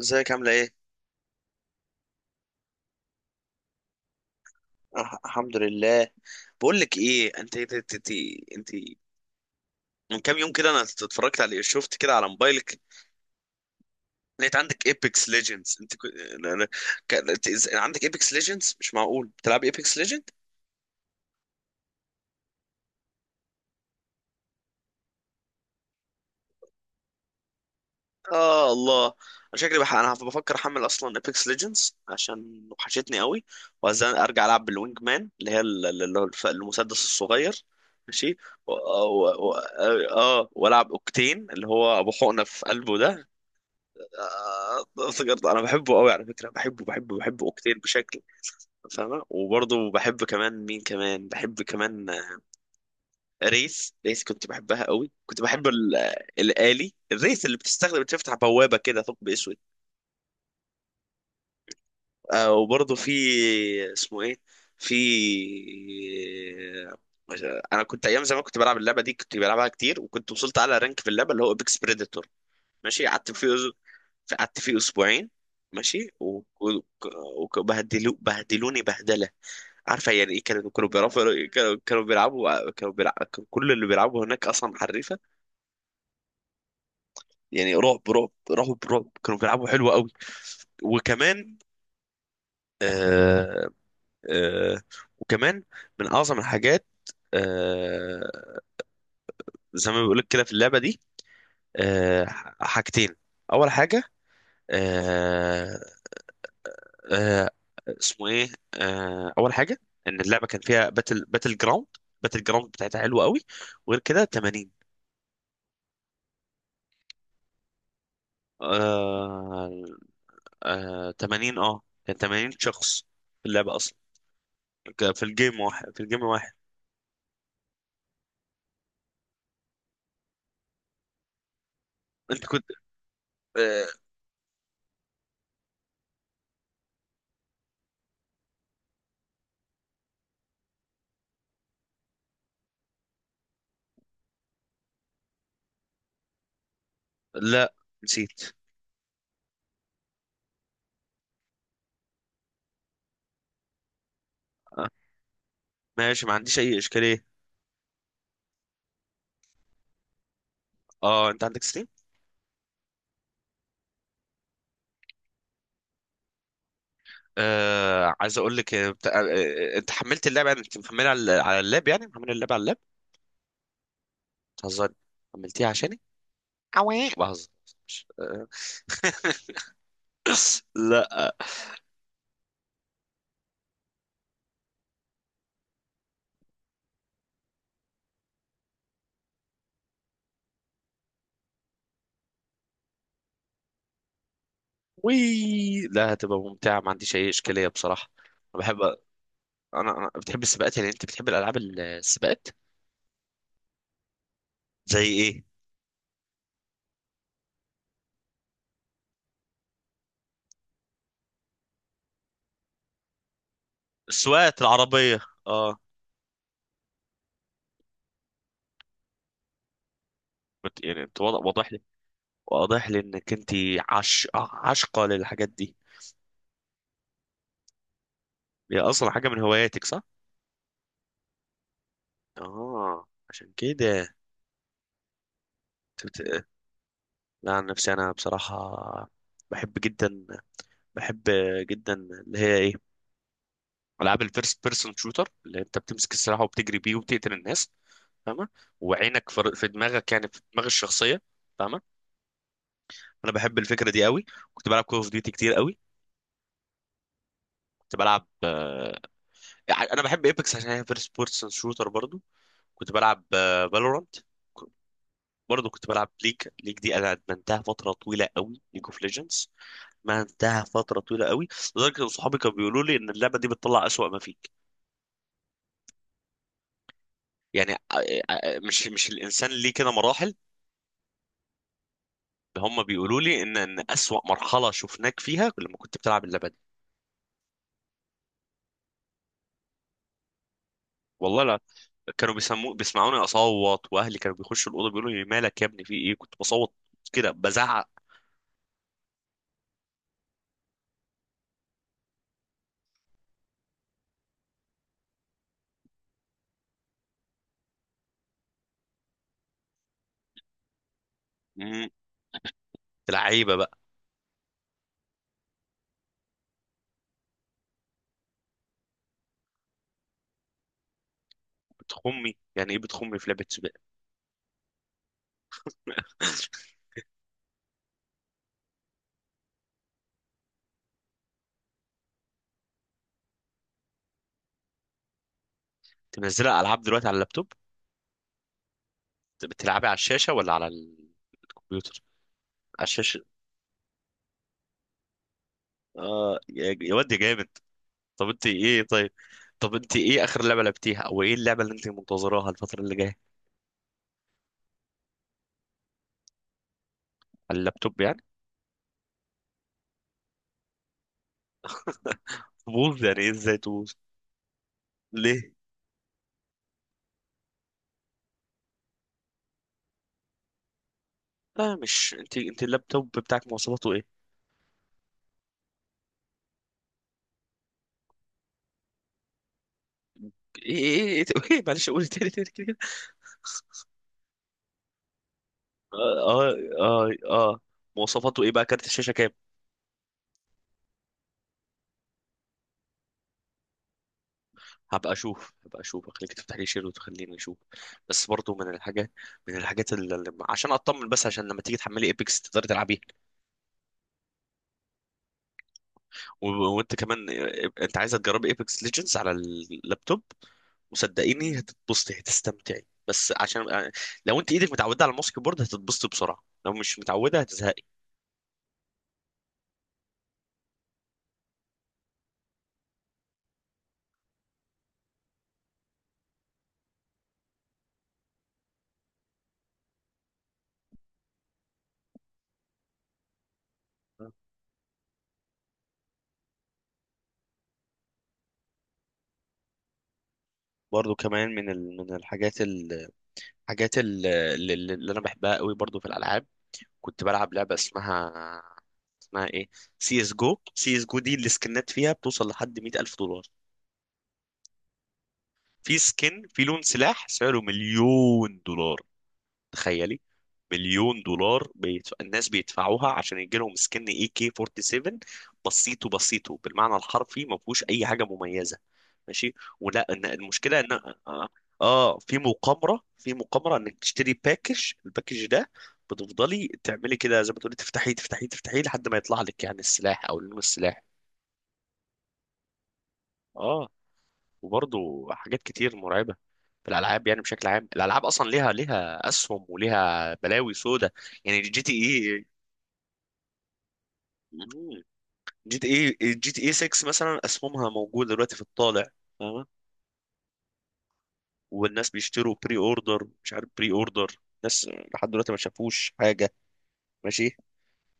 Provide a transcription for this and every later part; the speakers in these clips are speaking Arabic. ازيك عامله ايه؟ أه الحمد لله. بقول لك ايه، انت انت من كام يوم كده انا اتفرجت على شفت كده على موبايلك، لقيت عندك ايبكس ليجندز. انت كو- لا- لا، ك... انت إز- عندك ايبكس ليجندز، مش معقول بتلعب ايبكس ليجند. اه الله، انا شكلي انا بفكر احمل اصلا ايبكس ليجندز عشان وحشتني قوي، وعايز ارجع العب بالوينج مان اللي هي ال- ال- اللي هو المسدس الصغير. ماشي. و... و... و... اه آه، والعب اوكتين اللي هو ابو حقنه في قلبه ده. افتكرت. انا بحبه قوي على فكره، بحبه اوكتيل بشكل، فاهمه؟ وبرضه بحب كمان، مين كمان بحب كمان؟ ريس، كنت بحبها قوي، كنت بحب ال- آه، الالي الريس اللي بتستخدم بتفتح بوابه كده ثقب اسود. وبرضه في، اسمه ايه، في، انا كنت ايام زمان كنت بلعب اللعبه دي، كنت بلعبها كتير، وكنت وصلت اعلى رانك في اللعبه اللي هو ابيكس بريديتور. ماشي. قعدت فيه، قعدت فيه اسبوعين. ماشي. بهدلوني بهدله. عارفه يعني ايه؟ كانوا بيعرفوا، كانوا بيلعبوا، كانوا بيلعبوا، كان كل اللي بيلعبوا هناك اصلا حريفه. يعني رعب رعب، كانوا بيلعبوا حلو قوي. وكمان، آه آه وكمان من اعظم الحاجات، آه زي ما بيقولك كده في اللعبه دي، آه حاجتين. اول حاجه، آه اسمه ايه، اول حاجه ان اللعبه كان فيها باتل جراوند، باتل جراوند بتاعتها حلوه قوي. وغير كده 80، آه 80، اه كان 80 شخص في اللعبه اصلا. في الجيم واحد، في الجيم واحد. انت كنت، آه، لا نسيت. آه، ماشي، ما عنديش اي اشكاليه. اه، انت عندك ستيم. آه، عايز اقول لك، انت حملت اللعبه، يعني انت محملها على على اللاب، يعني محمل اللعبه على اللاب؟ بتهزري، حملتيها عشاني؟ عوي بهزر. آه. لا. وي، لا هتبقى ممتعة، ما عنديش أي إشكالية بصراحة. أنا بحب، أنا بتحب السباقات، يعني أنت بتحب الألعاب السباقات؟ زي إيه؟ السواقات العربية؟ أه. يعني أنت واضح، واضح لي إنك أنت عش آه، عاشقة للحاجات دي. هي أصلا حاجة من هواياتك صح؟ أه عشان كده أنت لا، عن نفسي أنا بصراحة بحب جدا، بحب اللي هي إيه؟ ألعاب الفيرست بيرسون شوتر، اللي أنت بتمسك السلاح وبتجري بيه وبتقتل الناس، فاهمه؟ وعينك في في دماغك، يعني في دماغ الشخصيه، فاهمه؟ انا بحب الفكره دي قوي. كنت بلعب كول اوف ديوتي كتير قوي. كنت بلعب، يعني انا بحب ايبكس عشان هي فيرست بيرسون شوتر برضو. كنت بلعب فالورانت. برضو كنت بلعب ليج، ليج دي انا ادمنتها فتره طويله قوي، ليج اوف ليجندز، ما انتهى فتره طويله قوي. لدرجه ان صحابي كانوا بيقولوا لي ان اللعبه دي بتطلع اسوأ ما فيك. يعني مش الانسان ليه كده مراحل؟ هم بيقولوا لي ان اسوأ مرحله شفناك فيها لما كنت بتلعب اللعبه دي. والله لا، كانوا بيسمعوني اصوت، واهلي كانوا بيخشوا الاوضه بيقولوا لي مالك يا ابني، في ايه؟ كنت بصوت كده، بزعق. امم، لعيبه بقى. بتخمي يعني ايه بتخمي في لعبه سباق؟ تنزلها العاب دلوقتي على اللابتوب؟ بتلعبي على الشاشه ولا على الكمبيوتر؟ على الشاشه. اه يا يا واد يا جامد. طب انت ايه طيب، طب انت ايه اخر لعبه لعبتيها، او ايه اللعبه اللي انت منتظراها الفتره اللي جايه؟ على اللابتوب يعني؟ تبوظ يعني ايه، ازاي تبوظ؟ ليه؟ لا مش انت، انت اللابتوب بتاعك مواصفاته ايه؟ ايه ايه ايه، معلش قول تاني، تاني كده كده. اه. اه. مواصفاته ايه بقى، كارت الشاشه كام؟ هبقى اشوف، هبقى اشوف، اخليك تفتح لي شير وتخليني اشوف، بس برضو من الحاجات، من الحاجات عشان اطمن بس، عشان لما تيجي تحملي ايبكس تقدري تلعبيها. وانت كمان، انت عايزه تجربي ايبكس ليجندز على اللابتوب، وصدقيني هتتبسطي هتستمتعي، بس عشان لو انت ايدك متعوده على الماسك بورد هتتبسطي بسرعه، لو مش متعوده هتزهقي. برضو كمان من الحاجات، حاجات اللي انا بحبها قوي برضو في الالعاب، كنت بلعب لعبه اسمها، اسمها ايه، سي اس جو. سي اس جو دي السكنات فيها بتوصل لحد 100,000 دولار. في سكن، في لون سلاح سعره مليون دولار، تخيلي. مليون دولار الناس بيدفعوها عشان يجي لهم سكن اي كي 47، بسيطه، بسيطه بالمعنى الحرفي ما فيهوش اي حاجه مميزه. ماشي؟ ولا ان المشكله ان، اه، في مقامره، في مقامره انك تشتري باكج، الباكج ده بتفضلي تعملي كده زي ما تقولي، تفتحي لحد ما يطلع لك يعني السلاح او لون السلاح. اه. وبرضه حاجات كتير مرعبه في الالعاب، يعني بشكل عام الالعاب اصلا ليها، ليها اسهم وليها بلاوي سودة. يعني اي جي تي جي تي اي 6 مثلا اسهمها موجوده دلوقتي في الطالع، فاهمه؟ والناس بيشتروا بري اوردر، مش عارف بري اوردر، ناس لحد دلوقتي ما شافوش حاجه. ماشي؟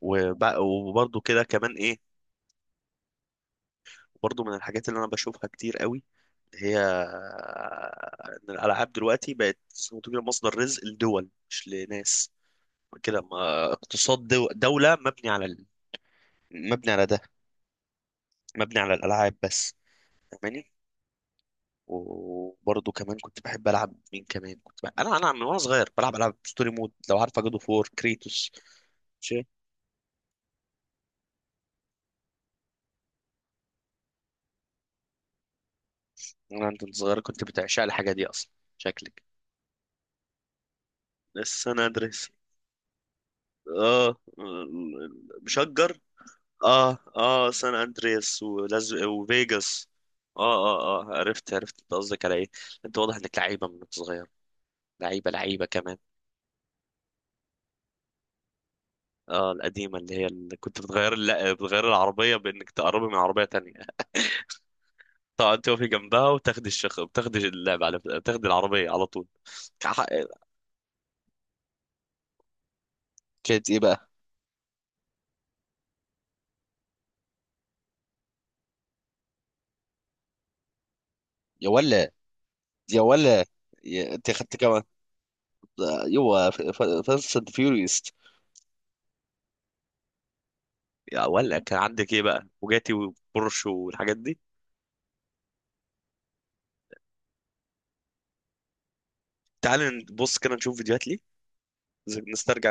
وبرضه كده كمان ايه، برضه من الحاجات اللي انا بشوفها كتير قوي، هي ان الالعاب دلوقتي بقت زي ما تقول مصدر رزق لدول، مش لناس كده. ما اقتصاد دوله مبني مبني على ده، مبني على الالعاب بس، فاهماني؟ وبرضه كمان كنت بحب العب، مين كمان كنت بحب، انا انا من وانا صغير بلعب العاب ستوري مود، لو عارفه جادو فور كريتوس. شيء. انا انت صغير كنت بتعشق الحاجه دي اصلا، شكلك. سان اندريس، اه، مشجر. اه اه سان اندريس وفيجاس. اه عرفت، عرفت انت قصدك على ايه. انت واضح انك لعيبه من وأنت صغير، لعيبه كمان. اه، القديمه اللي هي اللي كنت بتغير، لا بتغير العربيه بانك تقربي من عربيه تانية، طبعا توفي جنبها وتاخدي الشخ، بتاخدي العربية على طول. كح- كانت ايه بقى؟ يا ولا، يا ولا، انت خدت كمان؟ يوا، فاست اند فيوريوس. يا ولا، كان عندك ايه بقى، بوجاتي وبورش والحاجات دي؟ تعال نبص كده نشوف فيديوهات ليه، نسترجع.